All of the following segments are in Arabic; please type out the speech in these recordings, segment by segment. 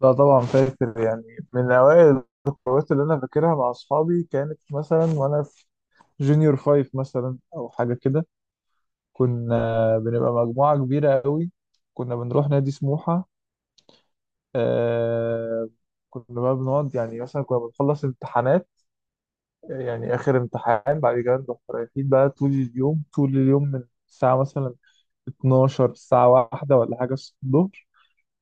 لا طبعا فاكر يعني من أوائل الخروجات اللي أنا فاكرها مع أصحابي كانت مثلا وأنا في جونيور فايف مثلا أو حاجة كده. كنا بنبقى مجموعة كبيرة قوي. كنا بنروح نادي سموحة. آه. كنا بقى بنقعد يعني مثلا كنا بنخلص امتحانات، يعني آخر امتحان بعد كده نروح رايحين بقى طول اليوم طول اليوم من الساعة مثلا 12، الساعة واحدة ولا حاجة الصبح.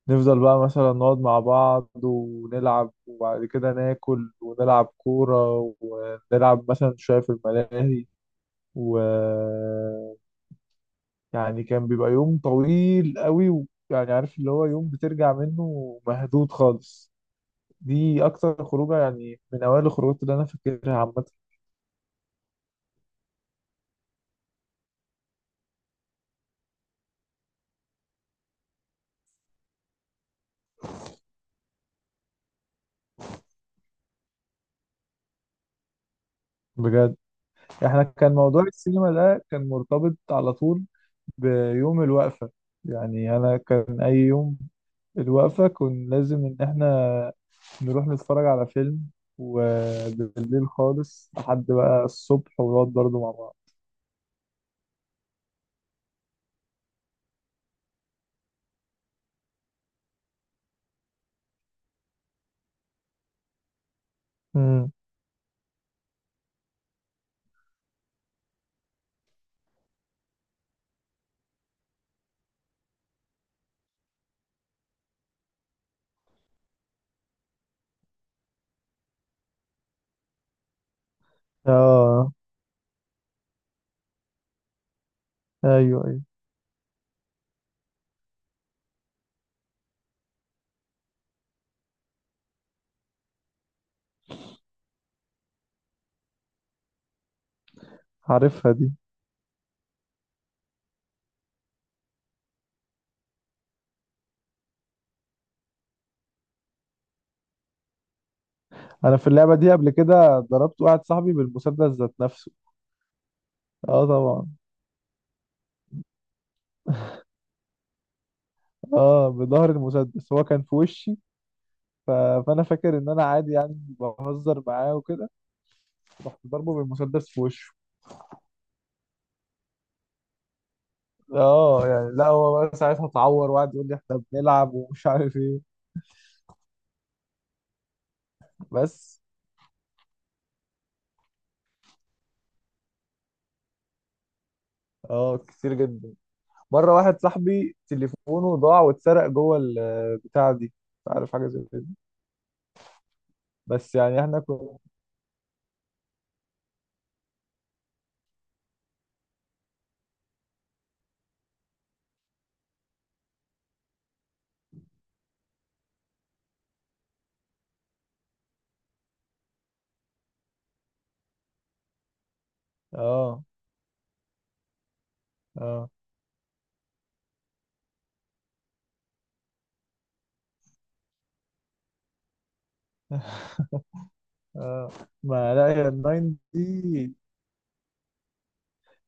نفضل بقى مثلا نقعد مع بعض ونلعب وبعد كده ناكل ونلعب كورة ونلعب مثلا شوية في الملاهي. و يعني كان بيبقى يوم طويل قوي، يعني عارف اللي هو يوم بترجع منه مهدود خالص. دي أكتر خروجة يعني من أوائل الخروجات اللي أنا فاكرها عامة. بجد. احنا كان موضوع السينما ده كان مرتبط على طول بيوم الوقفة. يعني أنا كان أي يوم الوقفة كان لازم إن احنا نروح نتفرج على فيلم وبالليل خالص لحد بقى الصبح ونقعد برضه مع بعض. امم. اه. ايوه ايوه. عارفها دي. انا في اللعبه دي قبل كده ضربت واحد صاحبي بالمسدس ذات نفسه. اه طبعا. اه بظهر المسدس هو كان في وشي. ف... فانا فاكر ان انا عادي يعني بهزر معاه وكده رحت ضربه بالمسدس في وشه. اه يعني لا هو بقى ساعتها اتعور وقعد يقول لي احنا بنلعب ومش عارف ايه. بس. اه كتير جدا. مره واحد صاحبي تليفونه ضاع واتسرق جوه البتاع دي مش عارف حاجه زي كده. بس يعني احنا كنا. اه. اه. اه. ما لا هي الناين دي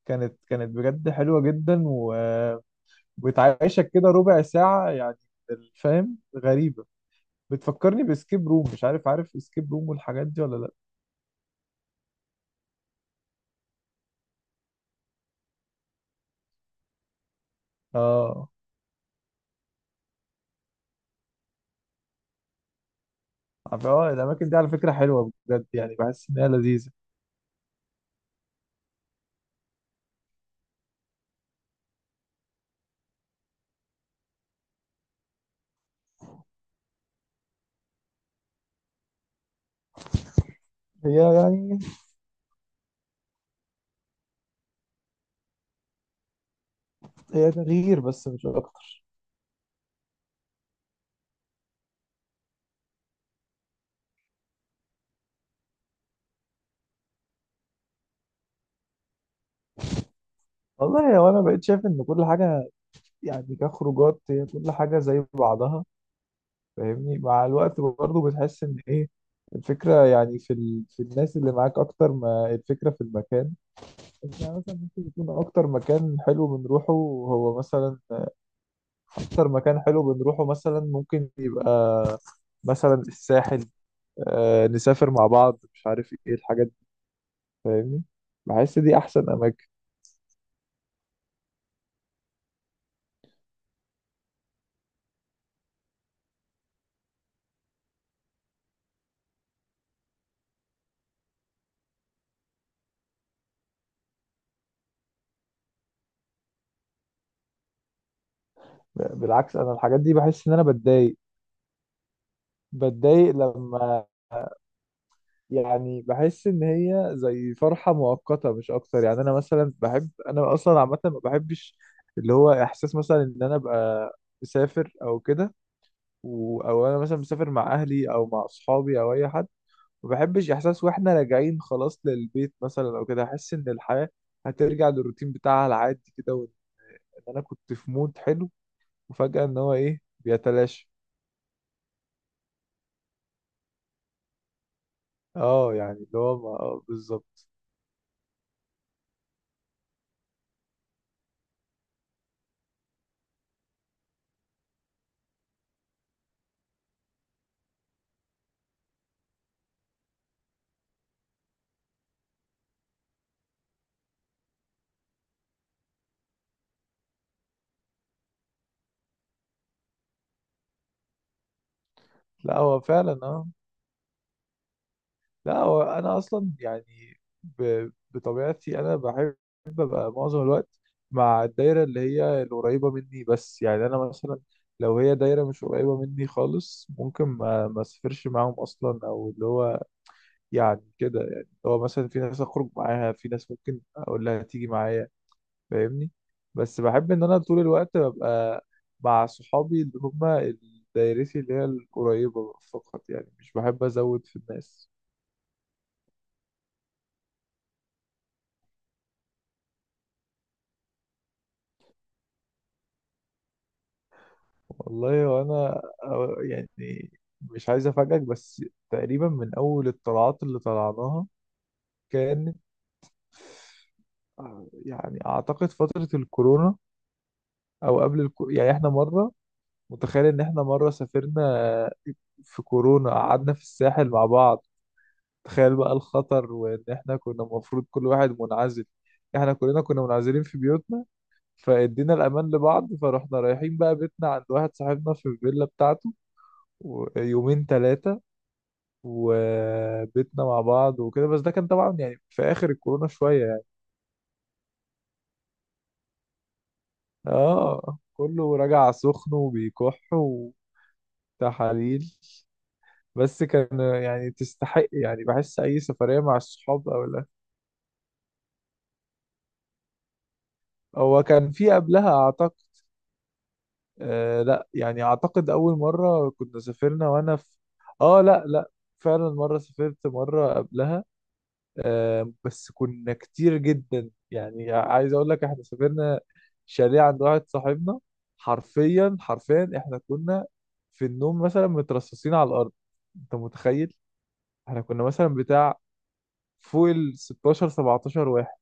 كانت بجد حلوه جدا و... وبتعيشك كده ربع ساعه يعني. فاهم؟ غريبه. بتفكرني باسكيب روم، مش عارف اسكيب روم والحاجات دي ولا لا؟ اه. اه، الاماكن دي على فكره حلوه بجد، يعني بحس ان هي لذيذه. هي يعني هي تغيير بس مش اكتر. والله هو انا بقيت شايف ان كل حاجه يعني كخروجات هي كل حاجه زي بعضها، فاهمني؟ مع الوقت برضه بتحس ان ايه، الفكره يعني في الناس اللي معاك اكتر ما الفكره في المكان. يعني مثلا ممكن يكون اكتر مكان حلو بنروحه هو مثلا اكتر مكان حلو بنروحه مثلا ممكن يبقى مثلا الساحل. آه، نسافر مع بعض مش عارف ايه الحاجات دي، فاهمني؟ بحس دي احسن اماكن. بالعكس انا الحاجات دي بحس ان انا بتضايق. بتضايق لما، يعني بحس ان هي زي فرحه مؤقته مش اكتر. يعني انا مثلا بحب، انا اصلا عامه ما بحبش اللي هو احساس مثلا ان انا ابقى مسافر او كده، او انا مثلا مسافر مع اهلي او مع اصحابي او اي حد. ما بحبش احساس واحنا راجعين خلاص للبيت مثلا او كده، احس ان الحياه هترجع للروتين بتاعها العادي كده، وان انا كنت في مود حلو وفجاه ان هو ايه بيتلاشى. اه يعني اللي هو بالظبط. لا هو فعلا آه. لا هو انا اصلا يعني بطبيعتي انا بحب ابقى معظم الوقت مع الدايره اللي هي القريبه مني. بس يعني انا مثلا لو هي دايره مش قريبه مني خالص ممكن ما اسافرش معاهم اصلا، او اللي هو يعني كده يعني اللي هو مثلا في ناس اخرج معاها، في ناس ممكن اقول لها تيجي معايا، فاهمني؟ بس بحب ان انا طول الوقت ببقى مع صحابي اللي هم دايرتي اللي هي القريبه فقط، يعني مش بحب ازود في الناس. والله وانا يعني مش عايز افاجئك، بس تقريبا من اول الطلعات اللي طلعناها كانت، يعني اعتقد فترة الكورونا او يعني احنا مرة، متخيل ان احنا مرة سافرنا في كورونا قعدنا في الساحل مع بعض. تخيل بقى الخطر، وان احنا كنا المفروض كل واحد منعزل. احنا كلنا كنا منعزلين في بيوتنا فادينا الامان لبعض، فروحنا رايحين بقى بيتنا عند واحد صاحبنا في الفيلا بتاعته، ويومين ثلاثة وبيتنا مع بعض وكده. بس ده كان طبعا يعني في اخر الكورونا شوية يعني. اه كله راجع سخن وبيكح وتحاليل. بس كان يعني تستحق، يعني بحس اي سفرية مع الصحاب او لا. هو كان في قبلها اعتقد. آه لا، يعني اعتقد اول مرة كنا سافرنا وانا في. اه لا لا. فعلا مرة سافرت مرة قبلها. آه، بس كنا كتير جدا، يعني عايز اقول لك احنا سافرنا شاليه عند واحد صاحبنا. حرفيا حرفيا احنا كنا في النوم مثلا مترصصين على الارض. انت متخيل؟ احنا كنا مثلا بتاع فوق ال 16 17 واحد.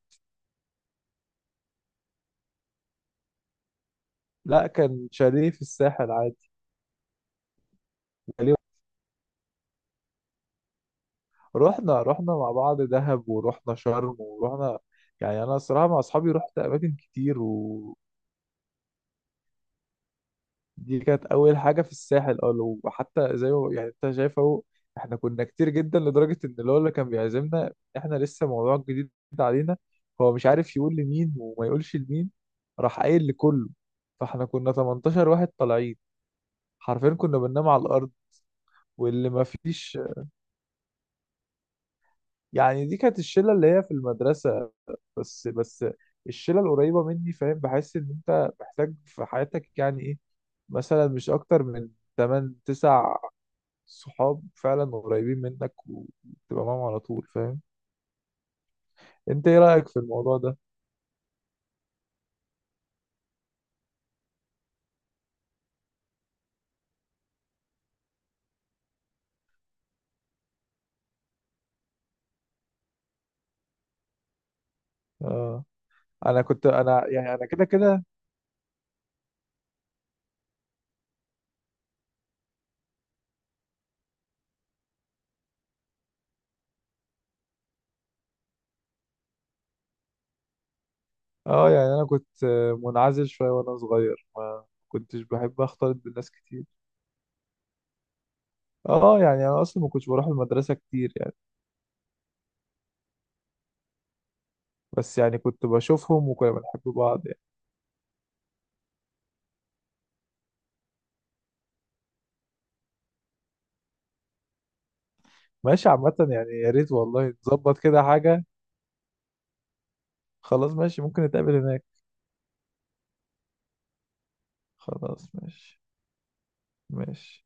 لا كان شاليه في الساحل عادي. شاليه. رحنا رحنا مع بعض دهب، ورحنا شرم، ورحنا يعني انا الصراحه مع اصحابي رحت اماكن كتير دي كانت اول حاجه في الساحل. اه وحتى زي ما يعني انت شايف اهو، احنا كنا كتير جدا لدرجه ان اللي هو اللي كان بيعزمنا احنا لسه موضوع جديد علينا، هو مش عارف يقول لمين وما يقولش لمين راح قايل لكله. فاحنا كنا 18 واحد طالعين، حرفيا كنا بننام على الارض واللي ما فيش. يعني دي كانت الشله اللي هي في المدرسه. بس الشله القريبه مني. فاهم؟ بحس ان انت محتاج في حياتك يعني ايه، مثلا مش اكتر من 8 9 صحاب فعلا قريبين منك وتبقى معاهم على طول، فاهم؟ انت ايه رأيك في الموضوع ده؟ اه انا كنت انا يعني انا كده كده. اه يعني انا كنت منعزل شوية وانا صغير، ما كنتش بحب اختلط بالناس كتير. اه يعني انا اصلا ما كنتش بروح المدرسة كتير يعني. بس يعني كنت بشوفهم وكنا بنحب بعض يعني. ماشي، عامة يعني يا ريت والله نظبط كده حاجة. خلاص ماشي، ممكن نتقابل هناك. خلاص ماشي. ماشي.